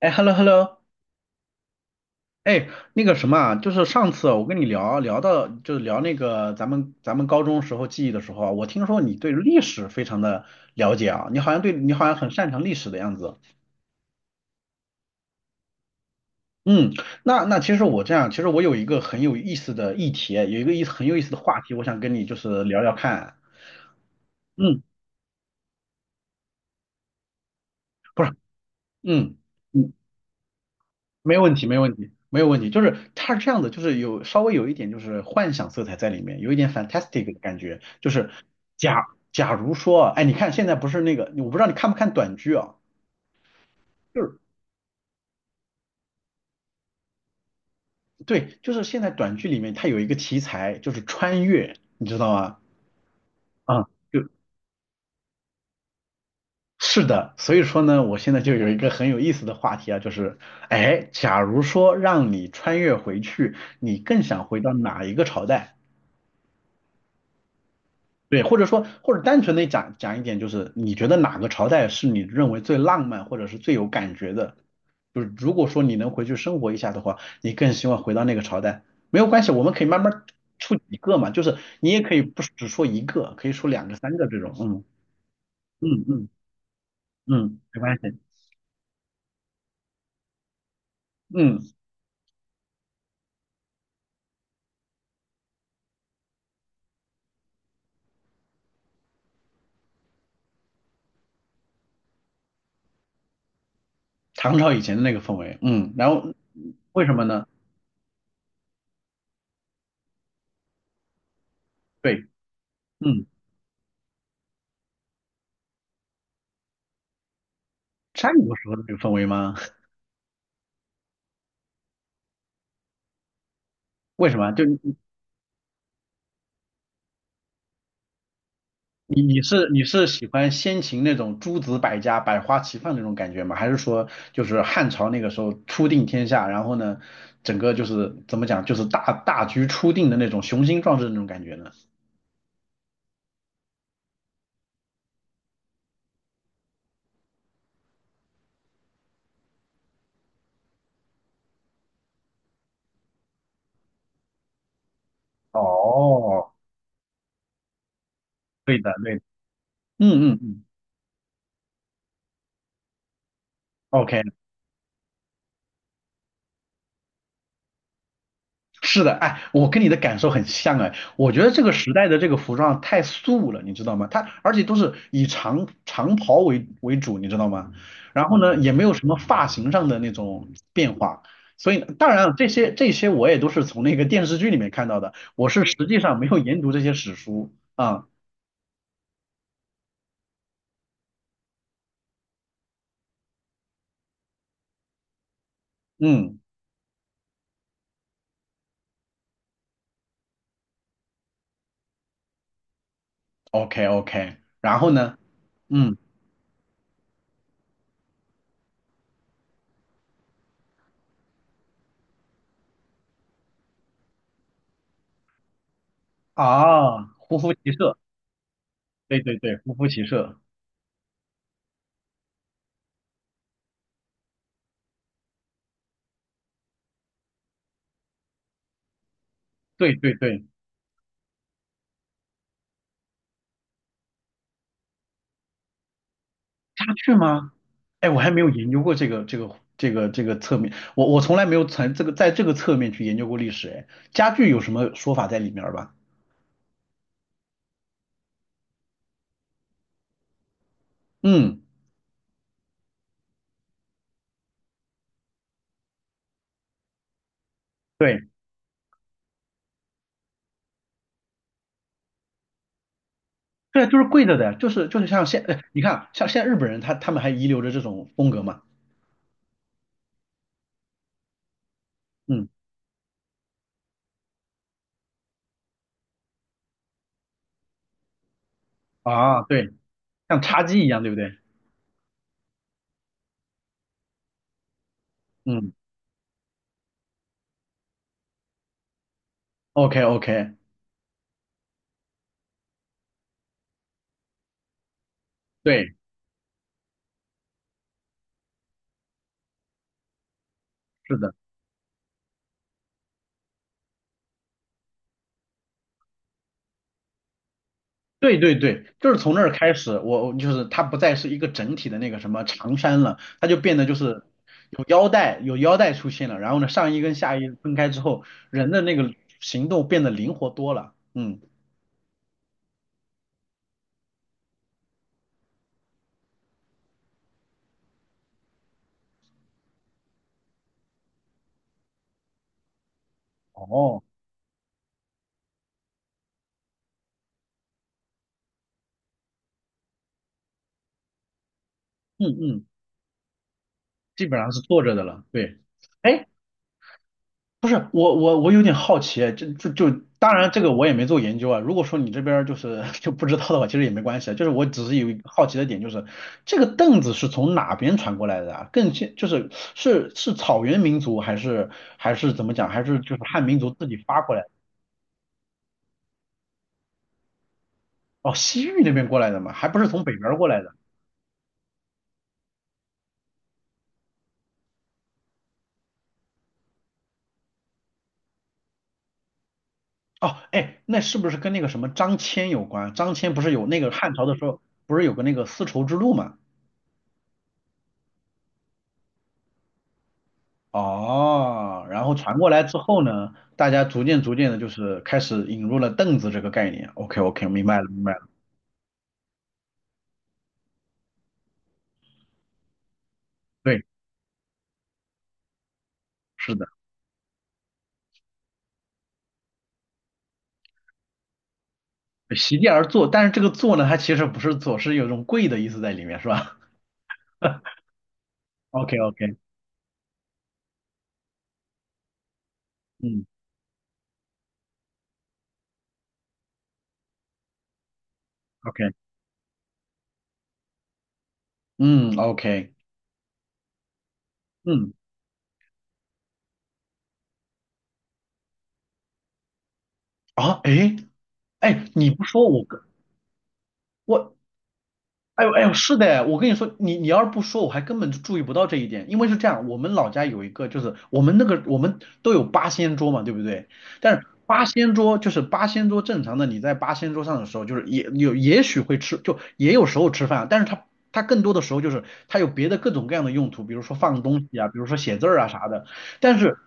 哎，hello hello，哎，那个什么啊，就是上次我跟你聊到，就是聊那个咱们高中时候记忆的时候啊，我听说你对历史非常的了解啊，你好像很擅长历史的样子。嗯，那其实我这样，其实我有一个很有意思的议题，有一个意思很有意思的话题，我想跟你就是聊聊看啊。嗯，不是，嗯嗯。你没有问题，没有问题，没有问题。就是它是这样的，就是有稍微有一点就是幻想色彩在里面，有一点 fantastic 的感觉。就是假假如说啊，哎，你看现在不是那个，我不知道你看不看短剧啊？就是对，就是现在短剧里面它有一个题材就是穿越，你知道吗？啊、就是的。所以说呢，我现在就有一个很有意思的话题啊，就是哎，假如说让你穿越回去，你更想回到哪一个朝代？对，或者说，或者单纯的讲讲一点，就是你觉得哪个朝代是你认为最浪漫或者是最有感觉的？就是如果说你能回去生活一下的话，你更希望回到那个朝代。没有关系，我们可以慢慢出几个嘛，就是你也可以不只说一个，可以说两个、三个这种。嗯嗯嗯嗯，没关系。嗯，唐朝以前的那个氛围。嗯，然后为什么呢？对，嗯，战国时候的那个氛围吗？为什么？就你是喜欢先秦那种诸子百家、百花齐放那种感觉吗？还是说就是汉朝那个时候初定天下，然后呢，整个就是怎么讲，就是大局初定的那种雄心壮志的那种感觉呢？哦，对的，对的，嗯嗯嗯，OK。是的，哎，我跟你的感受很像哎，我觉得这个时代的这个服装太素了，你知道吗？它而且都是以长袍为主，你知道吗？然后呢，也没有什么发型上的那种变化，所以当然了，这些我也都是从那个电视剧里面看到的，我是实际上没有研读这些史书啊，嗯，OK OK，然后呢，嗯啊，胡服骑射，对对对，胡服骑射，对对对。家具吗？哎，我还没有研究过这个侧面，我从来没有从这个在这个侧面去研究过历史。哎，家具有什么说法在里面儿吧？嗯，对，对，就是跪着的，就是像现，哎你看啊像现在日本人他们还遗留着这种风格嘛？嗯，啊，对，像茶几一样，对不对？嗯，OK OK，对，是的。对对对，就是从那儿开始，我就是它不再是一个整体的那个什么长衫了，它就变得就是有腰带出现了，然后呢，上衣跟下衣分开之后，人的那个行动变得灵活多了。嗯，哦，嗯嗯，基本上是坐着的了。对，哎，不是我有点好奇，就当然这个我也没做研究啊。如果说你这边儿就是 就不知道的话，其实也没关系啊。就是我只是有一个好奇的点，就是这个凳子是从哪边传过来的啊？更先就是是草原民族还是怎么讲？还是就是汉民族自己发过来的？哦，西域那边过来的嘛，还不是从北边儿过来的？哦，哎，那是不是跟那个什么张骞有关？张骞不是有那个汉朝的时候不是有个那个丝绸之路嘛？哦，然后传过来之后呢，大家逐渐逐渐的，就是开始引入了凳子这个概念。OK OK，明白了明白了，对，是的，席地而坐，但是这个坐呢，它其实不是坐，是有一种跪的意思在里面，是吧 ？OK OK，嗯，OK，嗯，OK，嗯，啊，哎哎，你不说我跟我哎呦哎呦，是的，我跟你说，你要是不说，我还根本就注意不到这一点。因为是这样，我们老家有一个，就是我们都有八仙桌嘛，对不对？但是八仙桌就是八仙桌，正常的你在八仙桌上的时候，就是也有也许会吃，就也有时候吃饭，但是它更多的时候就是它有别的各种各样的用途，比如说放东西啊，比如说写字儿啊啥的。但是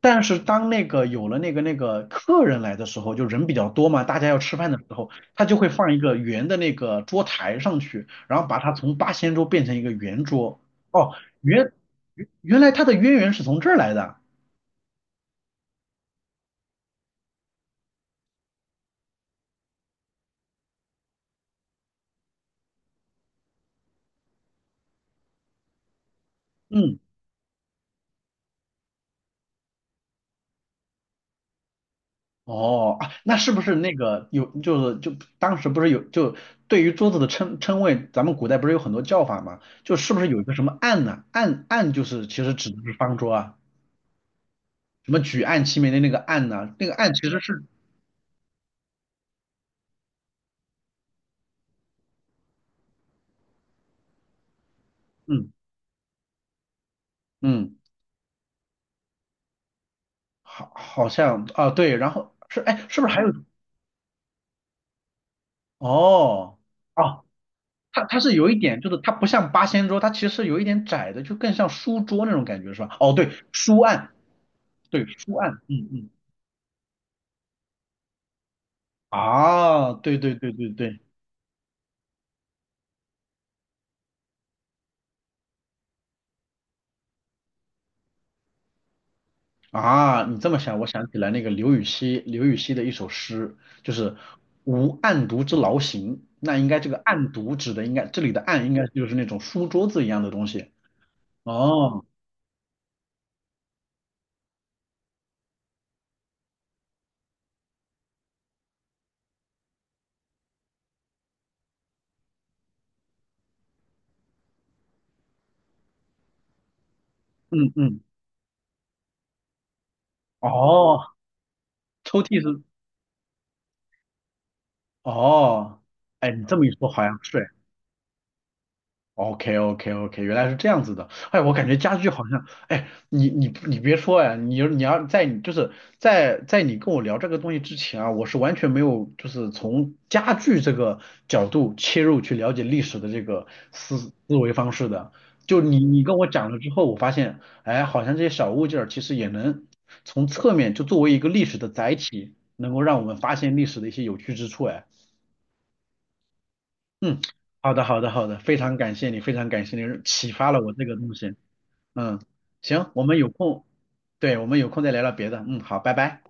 但是当那个有了那个客人来的时候，就人比较多嘛，大家要吃饭的时候。他就会放一个圆的那个桌台上去，然后把它从八仙桌变成一个圆桌。哦，原原来它的渊源是从这儿来的。嗯，哦啊，那是不是那个有就是就当时不是有就对于桌子的称谓，咱们古代不是有很多叫法吗？就是不是有一个什么案呢、案就是其实指的是方桌啊，什么举案齐眉的那个案呢、那个案其实是嗯嗯，好像啊对，然后是哎是不是还有哦？哦，它是有一点，就是它不像八仙桌，它其实有一点窄的，就更像书桌那种感觉，是吧？哦，对，书案，对，书案，嗯嗯，啊，对对对对对，啊，你这么想，我想起来那个刘禹锡，刘禹锡的一首诗，就是"无案牍之劳形"，那应该这个案牍指的应该这里的案应该就是那种书桌子一样的东西。哦，嗯嗯，哦，抽屉是，哦，哎，你这么一说好像是。OK OK OK，原来是这样子的。哎，我感觉家具好像，哎，你别说哎，你要在你就是在你跟我聊这个东西之前啊，我是完全没有就是从家具这个角度切入去了解历史的这个思维方式的。就你跟我讲了之后，我发现，哎，好像这些小物件儿其实也能从侧面就作为一个历史的载体，能够让我们发现历史的一些有趣之处。嗯，好的，好的，好的，非常感谢你，非常感谢你启发了我这个东西。嗯，行，我们有空，对，我们有空再聊聊别的。嗯，好，拜拜。